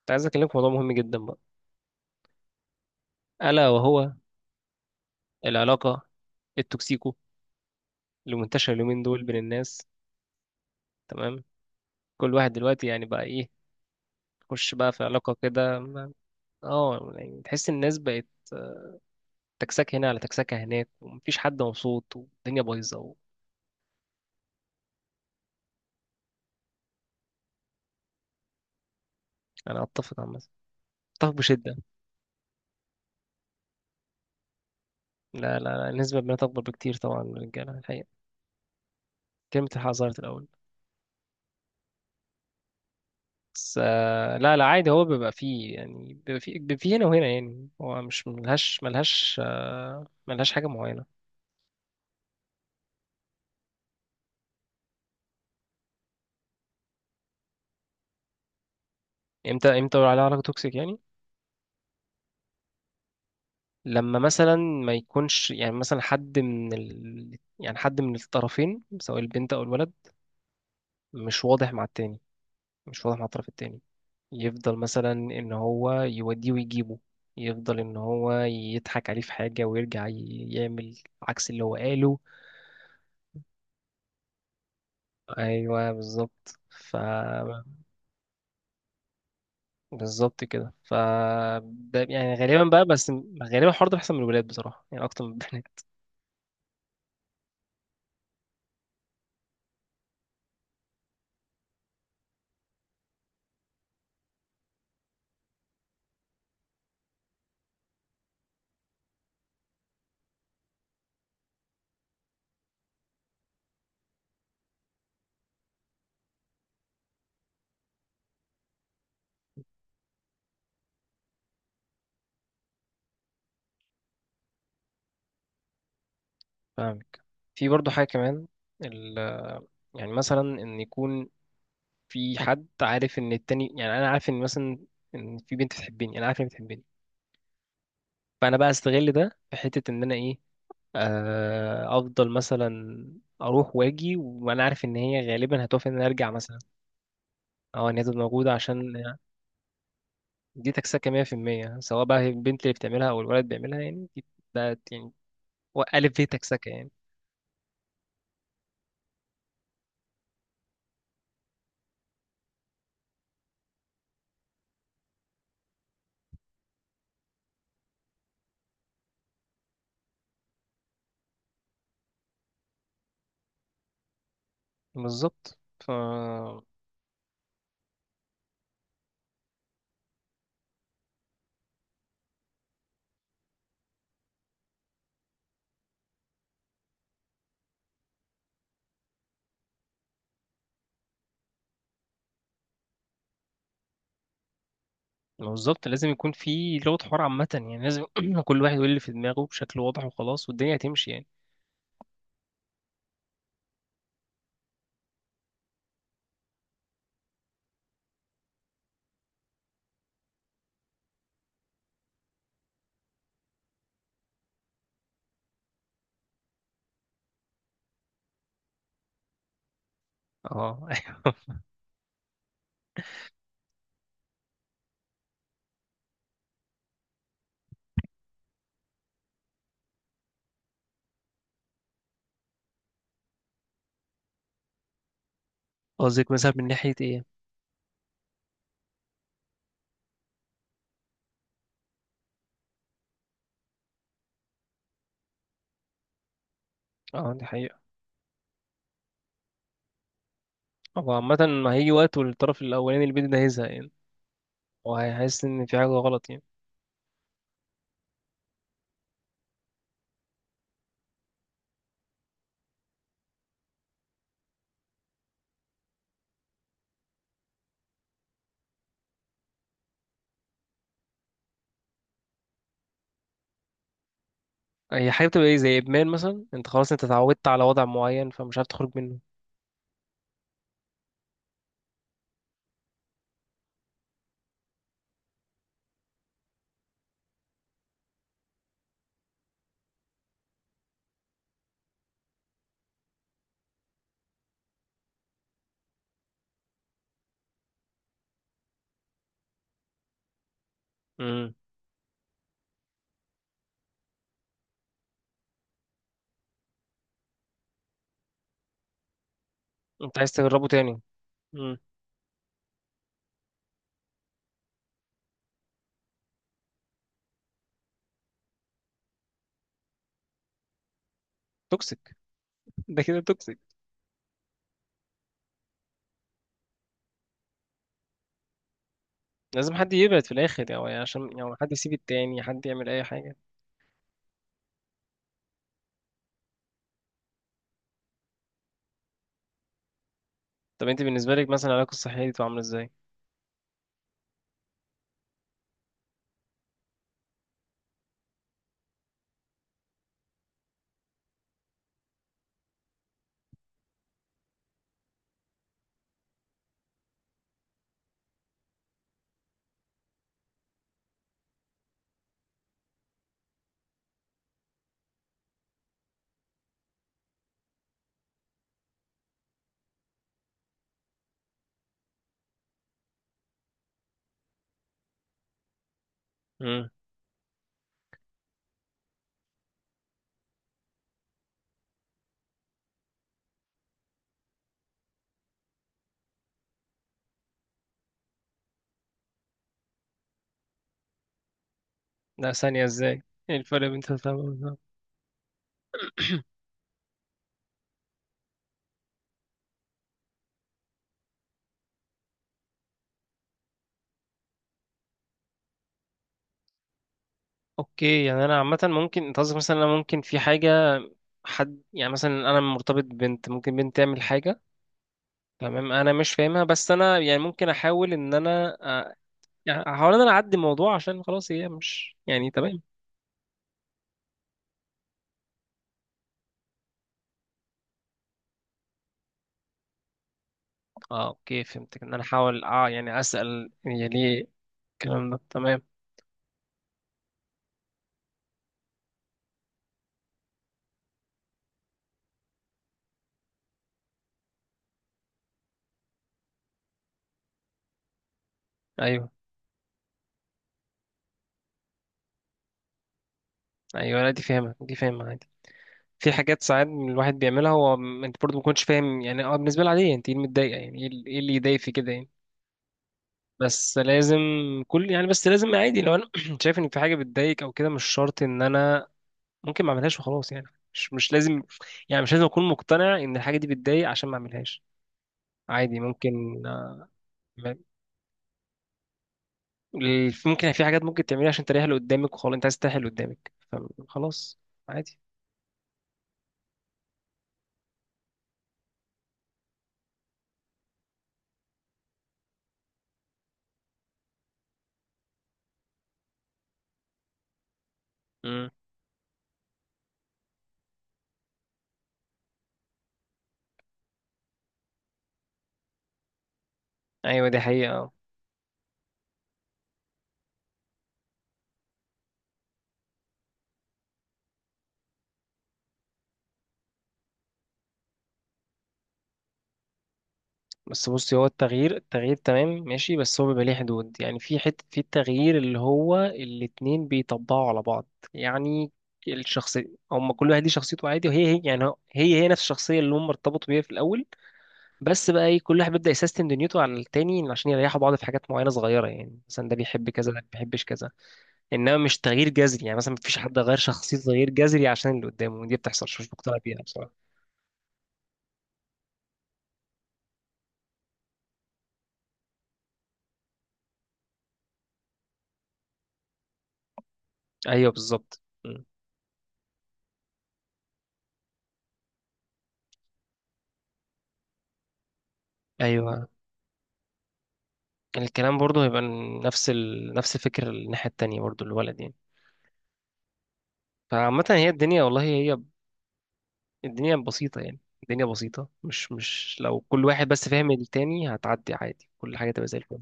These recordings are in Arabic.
كنت عايز اكلمك في موضوع مهم جدا بقى، الا وهو العلاقه التوكسيكو اللي منتشره اليومين دول بين الناس. تمام. كل واحد دلوقتي يعني بقى ايه؟ يخش بقى في علاقه كده اه، يعني تحس الناس بقت تكسكه هنا على تكسكه هناك ومفيش حد مبسوط والدنيا بايظه انا اتفق عامه، اتفق بشده. لا لا لا، النسبه بنات اكبر بكتير طبعا من الرجاله الحقيقه. كلمه الحق ظهرت الاول. بس لا لا عادي، هو بيبقى فيه يعني بيبقى فيه هنا وهنا، يعني هو مش ملهاش حاجه معينه. امتى بقول عليها علاقة توكسيك يعني؟ لما مثلا ما يكونش يعني مثلا يعني حد من الطرفين سواء البنت او الولد مش واضح مع التاني، مش واضح مع الطرف التاني. يفضل مثلا ان هو يوديه ويجيبه، يفضل ان هو يضحك عليه في حاجة ويرجع يعمل عكس اللي هو قاله. ايوه بالظبط، ف بالظبط كده، ف ده يعني غالبا بقى، بس غالبا الحوار ده بيحصل من الولاد بصراحة يعني اكتر من البنات. فاهمك. في برضه حاجة كمان، يعني مثلا ان يكون في حد عارف ان التاني، يعني انا عارف ان مثلا ان في بنت بتحبني، انا عارف ان هي بتحبني. فانا بقى استغل ده في حته ان انا ايه، افضل مثلا اروح واجي وانا عارف ان هي غالبا هتوافق ان انا ارجع مثلا، او ان هي تبقى موجوده عشان. دي تكسكه 100%، سواء بقى هي البنت اللي بتعملها او الولد بيعملها، يعني ده يعني هو الف ب تكسكه يعني. بالظبط ما بالظبط لازم يكون في لغة حوار عامة، يعني لازم كل واحد يقول اللي في دماغه بشكل واضح وخلاص والدنيا هتمشي يعني. اه ايوه. قصدك مثلا من ناحية ايه؟ اه دي حقيقة. هو عامة، ما هيجي وقت والطرف الأولاني اللي بيدي ده هيزهق يعني، وهيحس إن في حاجة غلط يعني. هي حاجة بتبقى ايه، زي إدمان مثلا، انت خلاص انت اتعودت على وضع معين فمش عارف تخرج منه. امم. انت عايز تجربه تاني. امم. توكسيك. ده كده توكسيك. لازم حد يبعد في الآخر، عشان حد يسيب التاني، حد يعمل أي حاجة. طب انت بالنسبة لك مثلا العلاقة الصحية دي بتبقى عاملة ازاي؟ لا ثانية ازاي؟ ايه الفرق بين تالتة ورابعة؟ اوكي، يعني انا عامة ممكن، انت قصدك مثلا انا ممكن في حاجة، حد يعني مثلا انا مرتبط ببنت، ممكن بنت تعمل حاجة. تمام، انا مش فاهمها بس انا يعني ممكن احاول ان انا يعني احاول ان انا اعدي الموضوع عشان خلاص هي مش يعني تمام. اه اوكي فهمتك، ان انا احاول يعني اسأل هي ليه. الكلام ده تمام. ايوه ايوه، لا دي فاهمة دي فاهمة عادي. في حاجات ساعات الواحد بيعملها هو انت برضه ما كنتش فاهم، يعني بالنسبه لي عاديه، انت ايه اللي متضايقه، يعني ايه إيه اللي يضايق في كده يعني. بس لازم بس لازم عادي لو انا شايف ان في حاجه بتضايق او كده، مش شرط ان انا ممكن ما اعملهاش وخلاص يعني. مش مش لازم مش لازم اكون مقتنع ان الحاجه دي بتضايق عشان ما اعملهاش. عادي، ممكن ما- ممكن في حاجات ممكن تعملها عشان تريح اللي قدامك، وخلاص انت عايز تريح اللي قدامك فخلاص عادي. امم. ايوه دي حقيقه. بس بصي، هو التغيير، التغيير تمام ماشي، بس هو بيبقى ليه حدود يعني في حتة في التغيير اللي هو الاتنين بيطبقوا على بعض يعني. الشخصية، هم كل واحد ليه شخصيته عادي وهي هي، يعني هي هي نفس الشخصية اللي هم ارتبطوا بيها في الأول. بس بقى ايه كل واحد بيبدأ يسيستم دنيته على التاني عشان يريحوا بعض في حاجات معينة صغيرة، يعني مثلا ده بيحب كذا ده ما بيحبش كذا. إنما مش تغيير جذري، يعني مثلا مفيش حد غير شخصيته تغيير جذري عشان اللي قدامه، ودي بتحصل مش مقتنع بيها بصراحة. أيوه بالظبط م. أيوه الكلام برضه هيبقى نفس الفكر الناحية التانية برضه الولد يعني. فعامة هي الدنيا والله، هي الدنيا بسيطة يعني، الدنيا بسيطة، مش لو كل واحد بس فاهم التاني هتعدي عادي كل حاجة تبقى زي الفل.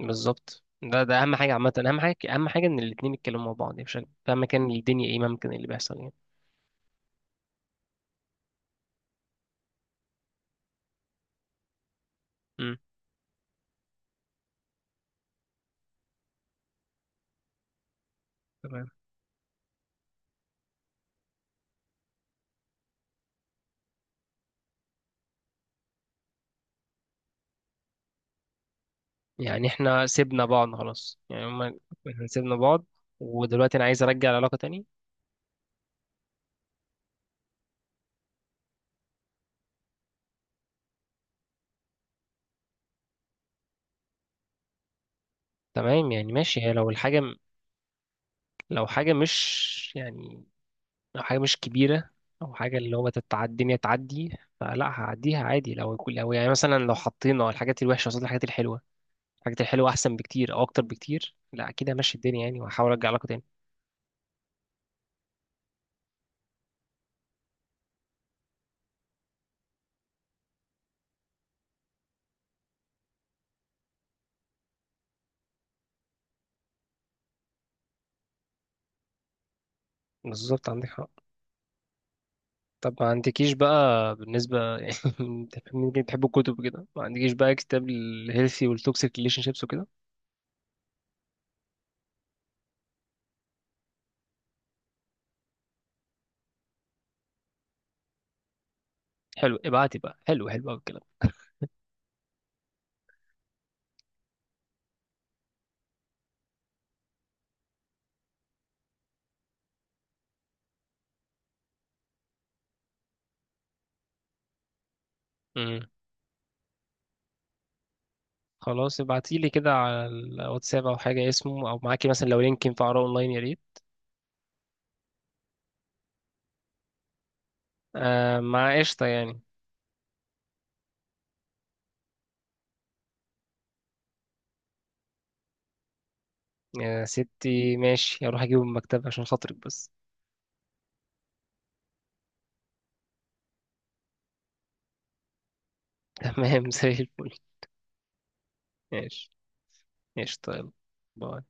بالظبط، ده أهم حاجة عامة، أهم حاجة أهم حاجة إن الاتنين يتكلموا مع بعض يعني بشكل، فاهما كان الدنيا إيه ممكن اللي بيحصل يعني. مم. تمام، يعني إحنا سيبنا بعض خلاص، يعني إحنا سيبنا بعض ودلوقتي أنا عايز أرجع العلاقة تاني. تمام يعني ماشي، هي لو الحاجة لو حاجة مش يعني لو حاجة مش كبيرة، أو حاجة اللي هو الدنيا تعدي فلا هعديها عادي، لو يكون لو يعني مثلا لو حطينا الحاجات الوحشة قصاد الحاجات الحلوة، الحاجات الحلوة أحسن بكتير أو أكتر بكتير، لا أكيد همشي الدنيا يعني وهحاول أرجع علاقة تاني. بالظبط عندك حق. طب ما عندكيش بقى بالنسبة يعني، ممكن تحب الكتب كده، ما عندكيش بقى كتاب الهيلثي والتوكسيك ريليشن شيبس وكده؟ حلو ابعتي بقى، حلو حلو أوي الكلام. امم. خلاص ابعتيلي كده على الواتساب أو حاجة اسمه، أو معاكي مثلا لو لينك ينفع أقراه أونلاين يا ريت. آه مع قشطة يعني. يا ستي ماشي، هروح اجيبه من المكتبة عشان خاطرك بس. تمام زي الفل. ماشي، ماشي طيب. باي.